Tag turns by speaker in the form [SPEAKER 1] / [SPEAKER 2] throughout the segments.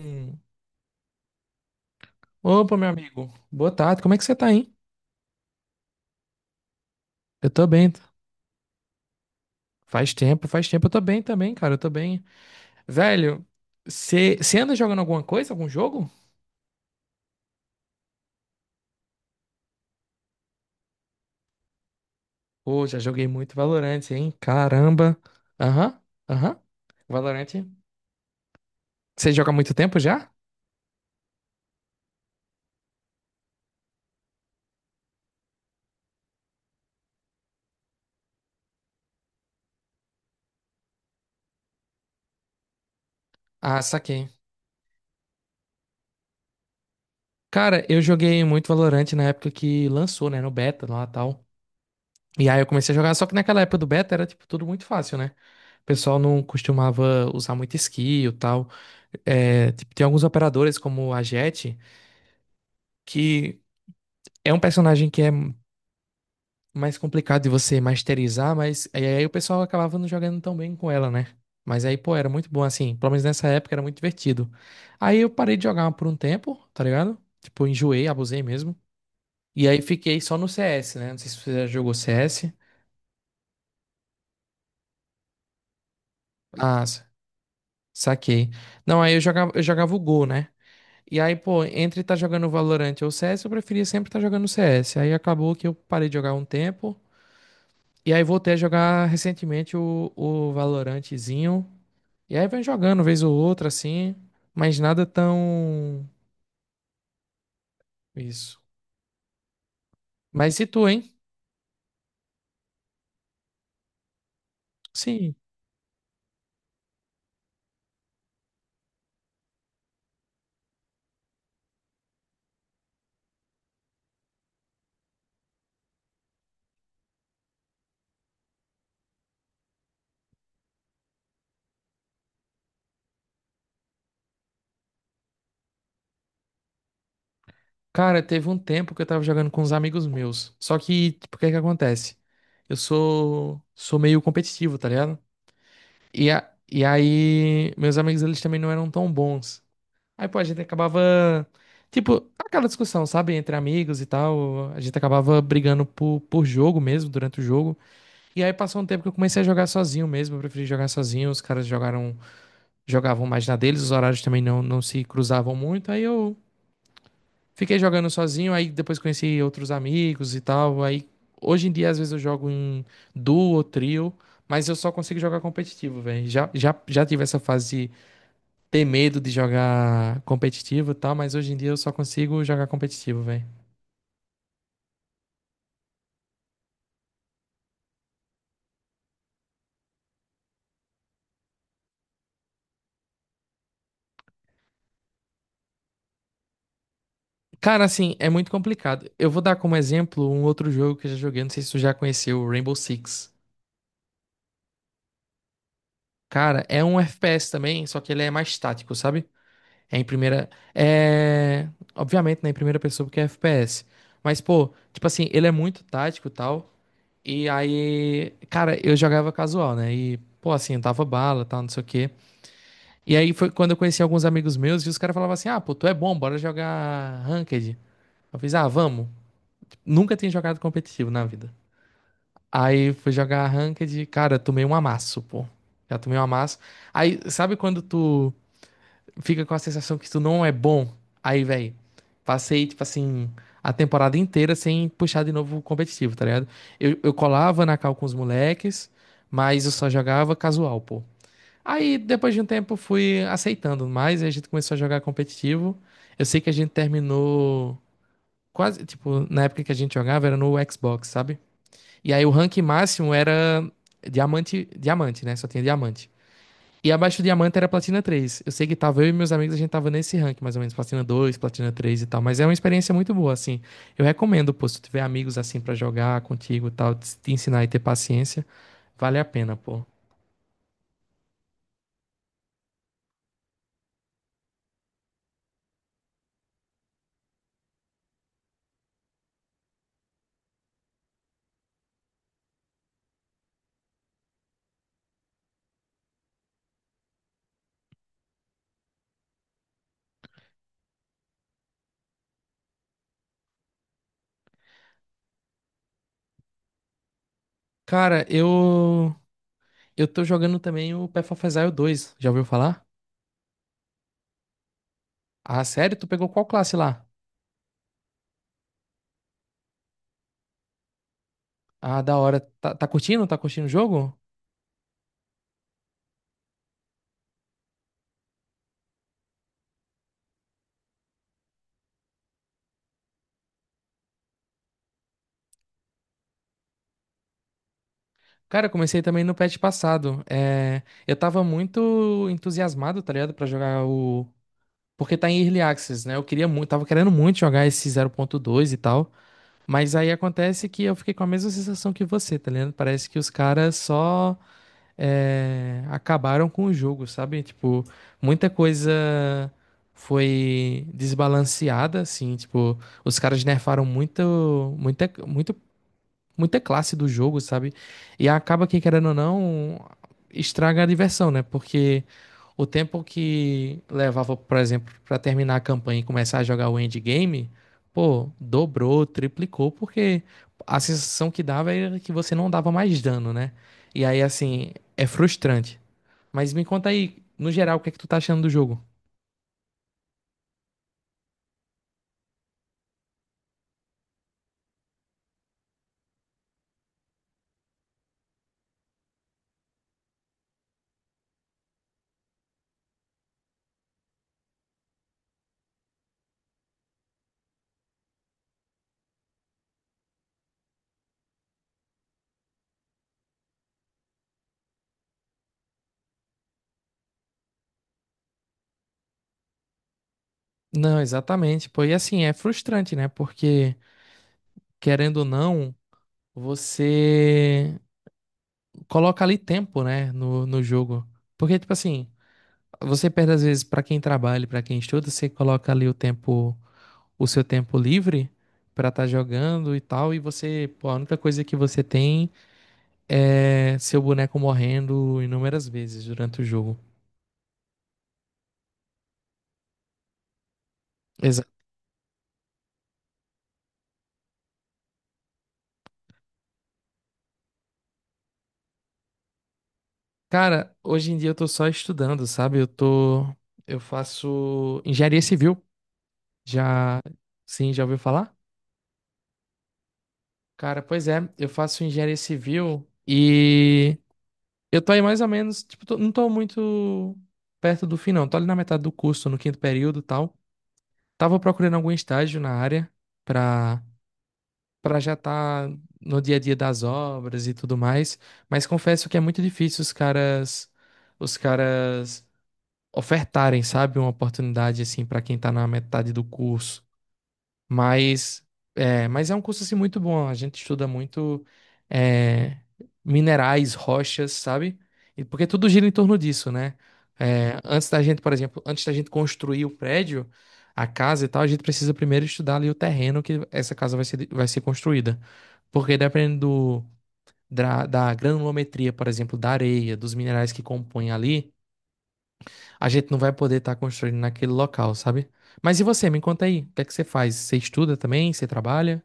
[SPEAKER 1] Hum. Opa, meu amigo. Boa tarde. Como é que você tá, hein? Eu tô bem. Faz tempo, faz tempo. Eu tô bem também, cara. Eu tô bem. Velho, você anda jogando alguma coisa? Algum jogo? Pô, já joguei muito Valorant, hein? Caramba. Aham, aham. Valorant. Você joga há muito tempo já? Ah, saquei. Cara, eu joguei muito Valorant na época que lançou, né? No beta lá e tal. E aí eu comecei a jogar, só que naquela época do beta era, tipo, tudo muito fácil, né? O pessoal não costumava usar muito skill e tal. É, tipo, tem alguns operadores, como a Jet, que é um personagem que é mais complicado de você masterizar, mas aí o pessoal acabava não jogando tão bem com ela, né? Mas aí, pô, era muito bom, assim. Pelo menos nessa época era muito divertido. Aí eu parei de jogar por um tempo, tá ligado? Tipo, eu enjoei, abusei mesmo. E aí fiquei só no CS, né? Não sei se você já jogou CS. Ah, sa- saquei. Não, aí eu jogava o Go, né? E aí, pô, entre estar tá jogando Valorant ou CS, eu preferia sempre estar tá jogando CS. Aí acabou que eu parei de jogar um tempo. E aí voltei a jogar recentemente o Valorantezinho. E aí vem jogando vez ou outra, assim. Mas nada tão. Isso. Mas e tu, hein? Sim. Cara, teve um tempo que eu tava jogando com uns amigos meus. Só que, tipo, o que que acontece? Eu sou. Sou meio competitivo, tá ligado? E aí, meus amigos, eles também não eram tão bons. Aí, pô, a gente acabava. Tipo, aquela discussão, sabe? Entre amigos e tal. A gente acabava brigando por jogo mesmo, durante o jogo. E aí passou um tempo que eu comecei a jogar sozinho mesmo. Eu preferi jogar sozinho. Os caras jogavam mais na deles. Os horários também não se cruzavam muito. Aí eu fiquei jogando sozinho. Aí depois conheci outros amigos e tal. Aí hoje em dia, às vezes, eu jogo em duo ou trio. Mas eu só consigo jogar competitivo, velho. Já tive essa fase ter medo de jogar competitivo e tal, mas hoje em dia eu só consigo jogar competitivo, velho. Cara, assim, é muito complicado. Eu vou dar como exemplo um outro jogo que eu já joguei, não sei se tu já conheceu, o Rainbow Six. Cara, é um FPS também, só que ele é mais tático, sabe? É em primeira. É. Obviamente, né? Em primeira pessoa, porque é FPS. Mas, pô, tipo assim, ele é muito tático e tal. E aí. Cara, eu jogava casual, né? E, pô, assim, eu dava bala e tal, não sei o quê. E aí foi quando eu conheci alguns amigos meus e os caras falavam assim: ah, pô, tu é bom, bora jogar Ranked. Eu fiz, ah, vamos. Nunca tinha jogado competitivo na vida. Aí fui jogar Ranked, cara, tomei um amasso, pô. Já tomei um amasso. Aí, sabe quando tu fica com a sensação que tu não é bom? Aí, velho, passei, tipo assim, a temporada inteira sem puxar de novo o competitivo, tá ligado? Eu colava na cal com os moleques, mas eu só jogava casual, pô. Aí, depois de um tempo, fui aceitando mais e a gente começou a jogar competitivo. Eu sei que a gente terminou quase, tipo, na época que a gente jogava era no Xbox, sabe? E aí o rank máximo era diamante, diamante, né? Só tinha diamante. E abaixo do diamante era platina 3. Eu sei que tava eu e meus amigos, a gente tava nesse rank, mais ou menos, platina 2, platina 3 e tal. Mas é uma experiência muito boa, assim. Eu recomendo, pô, se tu tiver amigos assim pra jogar contigo e tal, te ensinar e ter paciência, vale a pena, pô. Cara, eu tô jogando também o Path of Exile 2. Já ouviu falar? Ah, sério? Tu pegou qual classe lá? Ah, da hora. Tá curtindo? Tá curtindo o jogo? Cara, eu comecei também no patch passado. É, eu tava muito entusiasmado, tá ligado? Pra jogar o. Porque tá em Early Access, né? Eu queria muito, tava querendo muito jogar esse 0.2 e tal. Mas aí acontece que eu fiquei com a mesma sensação que você, tá ligado? Parece que os caras só acabaram com o jogo, sabe? Tipo, muita coisa foi desbalanceada, assim, tipo, os caras nerfaram muito muita classe do jogo, sabe? E acaba que, querendo ou não, estraga a diversão, né? Porque o tempo que levava, por exemplo, pra terminar a campanha e começar a jogar o endgame, pô, dobrou, triplicou, porque a sensação que dava era que você não dava mais dano, né? E aí, assim, é frustrante. Mas me conta aí, no geral, o que é que tu tá achando do jogo? Não, exatamente. Pô, e assim, é frustrante, né? Porque, querendo ou não, você coloca ali tempo, né, no jogo. Porque, tipo assim, você perde às vezes pra quem trabalha, e pra quem estuda, você coloca ali o tempo, o seu tempo livre pra estar jogando e tal, e você, pô, a única coisa que você tem é seu boneco morrendo inúmeras vezes durante o jogo. Exato. Cara, hoje em dia eu tô só estudando, sabe? Eu faço engenharia civil. Já, sim, já ouviu falar? Cara, pois é, eu faço engenharia civil e Eu tô aí mais ou menos, tipo, não tô muito perto do fim, não. Tô ali na metade do curso, no quinto período e tal. Tava procurando algum estágio na área pra, pra já estar no dia a dia das obras e tudo mais. Mas confesso que é muito difícil os caras ofertarem, sabe, uma oportunidade assim pra quem tá na metade do curso. Mas mas é um curso assim muito bom. A gente estuda muito é, minerais, rochas, sabe? E porque tudo gira em torno disso, né? É, antes da gente, por exemplo, antes da gente construir o prédio, a casa e tal, a gente precisa primeiro estudar ali o terreno que essa casa vai ser construída. Porque dependendo da granulometria, por exemplo, da areia, dos minerais que compõem ali, a gente não vai poder estar construindo naquele local, sabe? Mas e você? Me conta aí, o que é que você faz? Você estuda também? Você trabalha?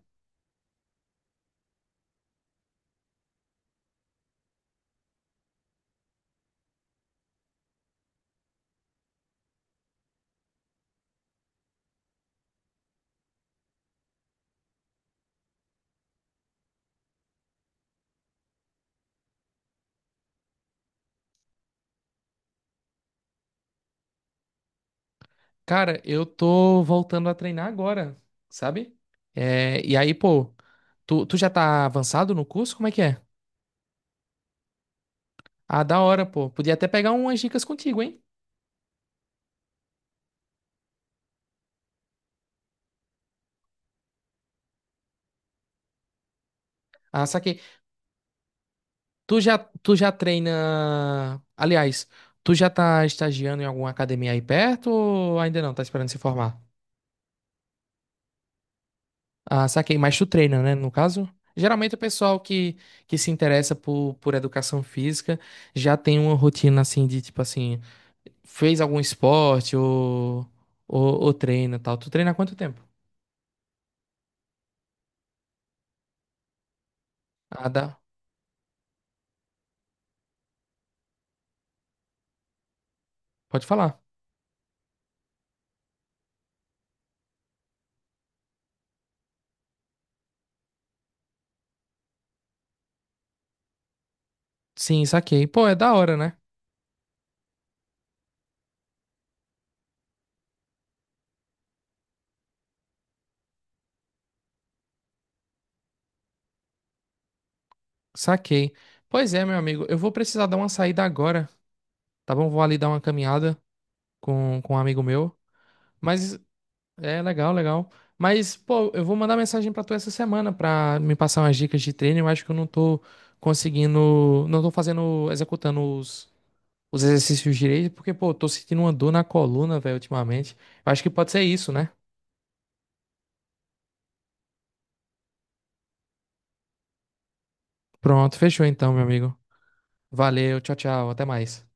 [SPEAKER 1] Cara, eu tô voltando a treinar agora, sabe? É, e aí, pô, tu já tá avançado no curso? Como é que é? Ah, da hora, pô. Podia até pegar umas dicas contigo, hein? Ah, saquei. Tu já treina. Aliás, tu já tá estagiando em alguma academia aí perto ou ainda não? Tá esperando se formar? Ah, saquei. Mas tu treina, né? No caso? Geralmente o pessoal que se interessa por educação física já tem uma rotina assim de tipo assim, fez algum esporte ou treina e tal. Tu treina há quanto tempo? Ah, dá. Pode falar. Sim, saquei. Pô, é da hora, né? Saquei. Pois é, meu amigo. Eu vou precisar dar uma saída agora, tá bom? Vou ali dar uma caminhada com um amigo meu. Mas É, legal, legal. Mas, pô, eu vou mandar mensagem pra tu essa semana pra me passar umas dicas de treino. Eu acho que eu não tô conseguindo, não tô fazendo, executando os exercícios direito, porque, pô, eu tô sentindo uma dor na coluna, velho, ultimamente. Eu acho que pode ser isso, né? Pronto, fechou então, meu amigo. Valeu, tchau, tchau, até mais.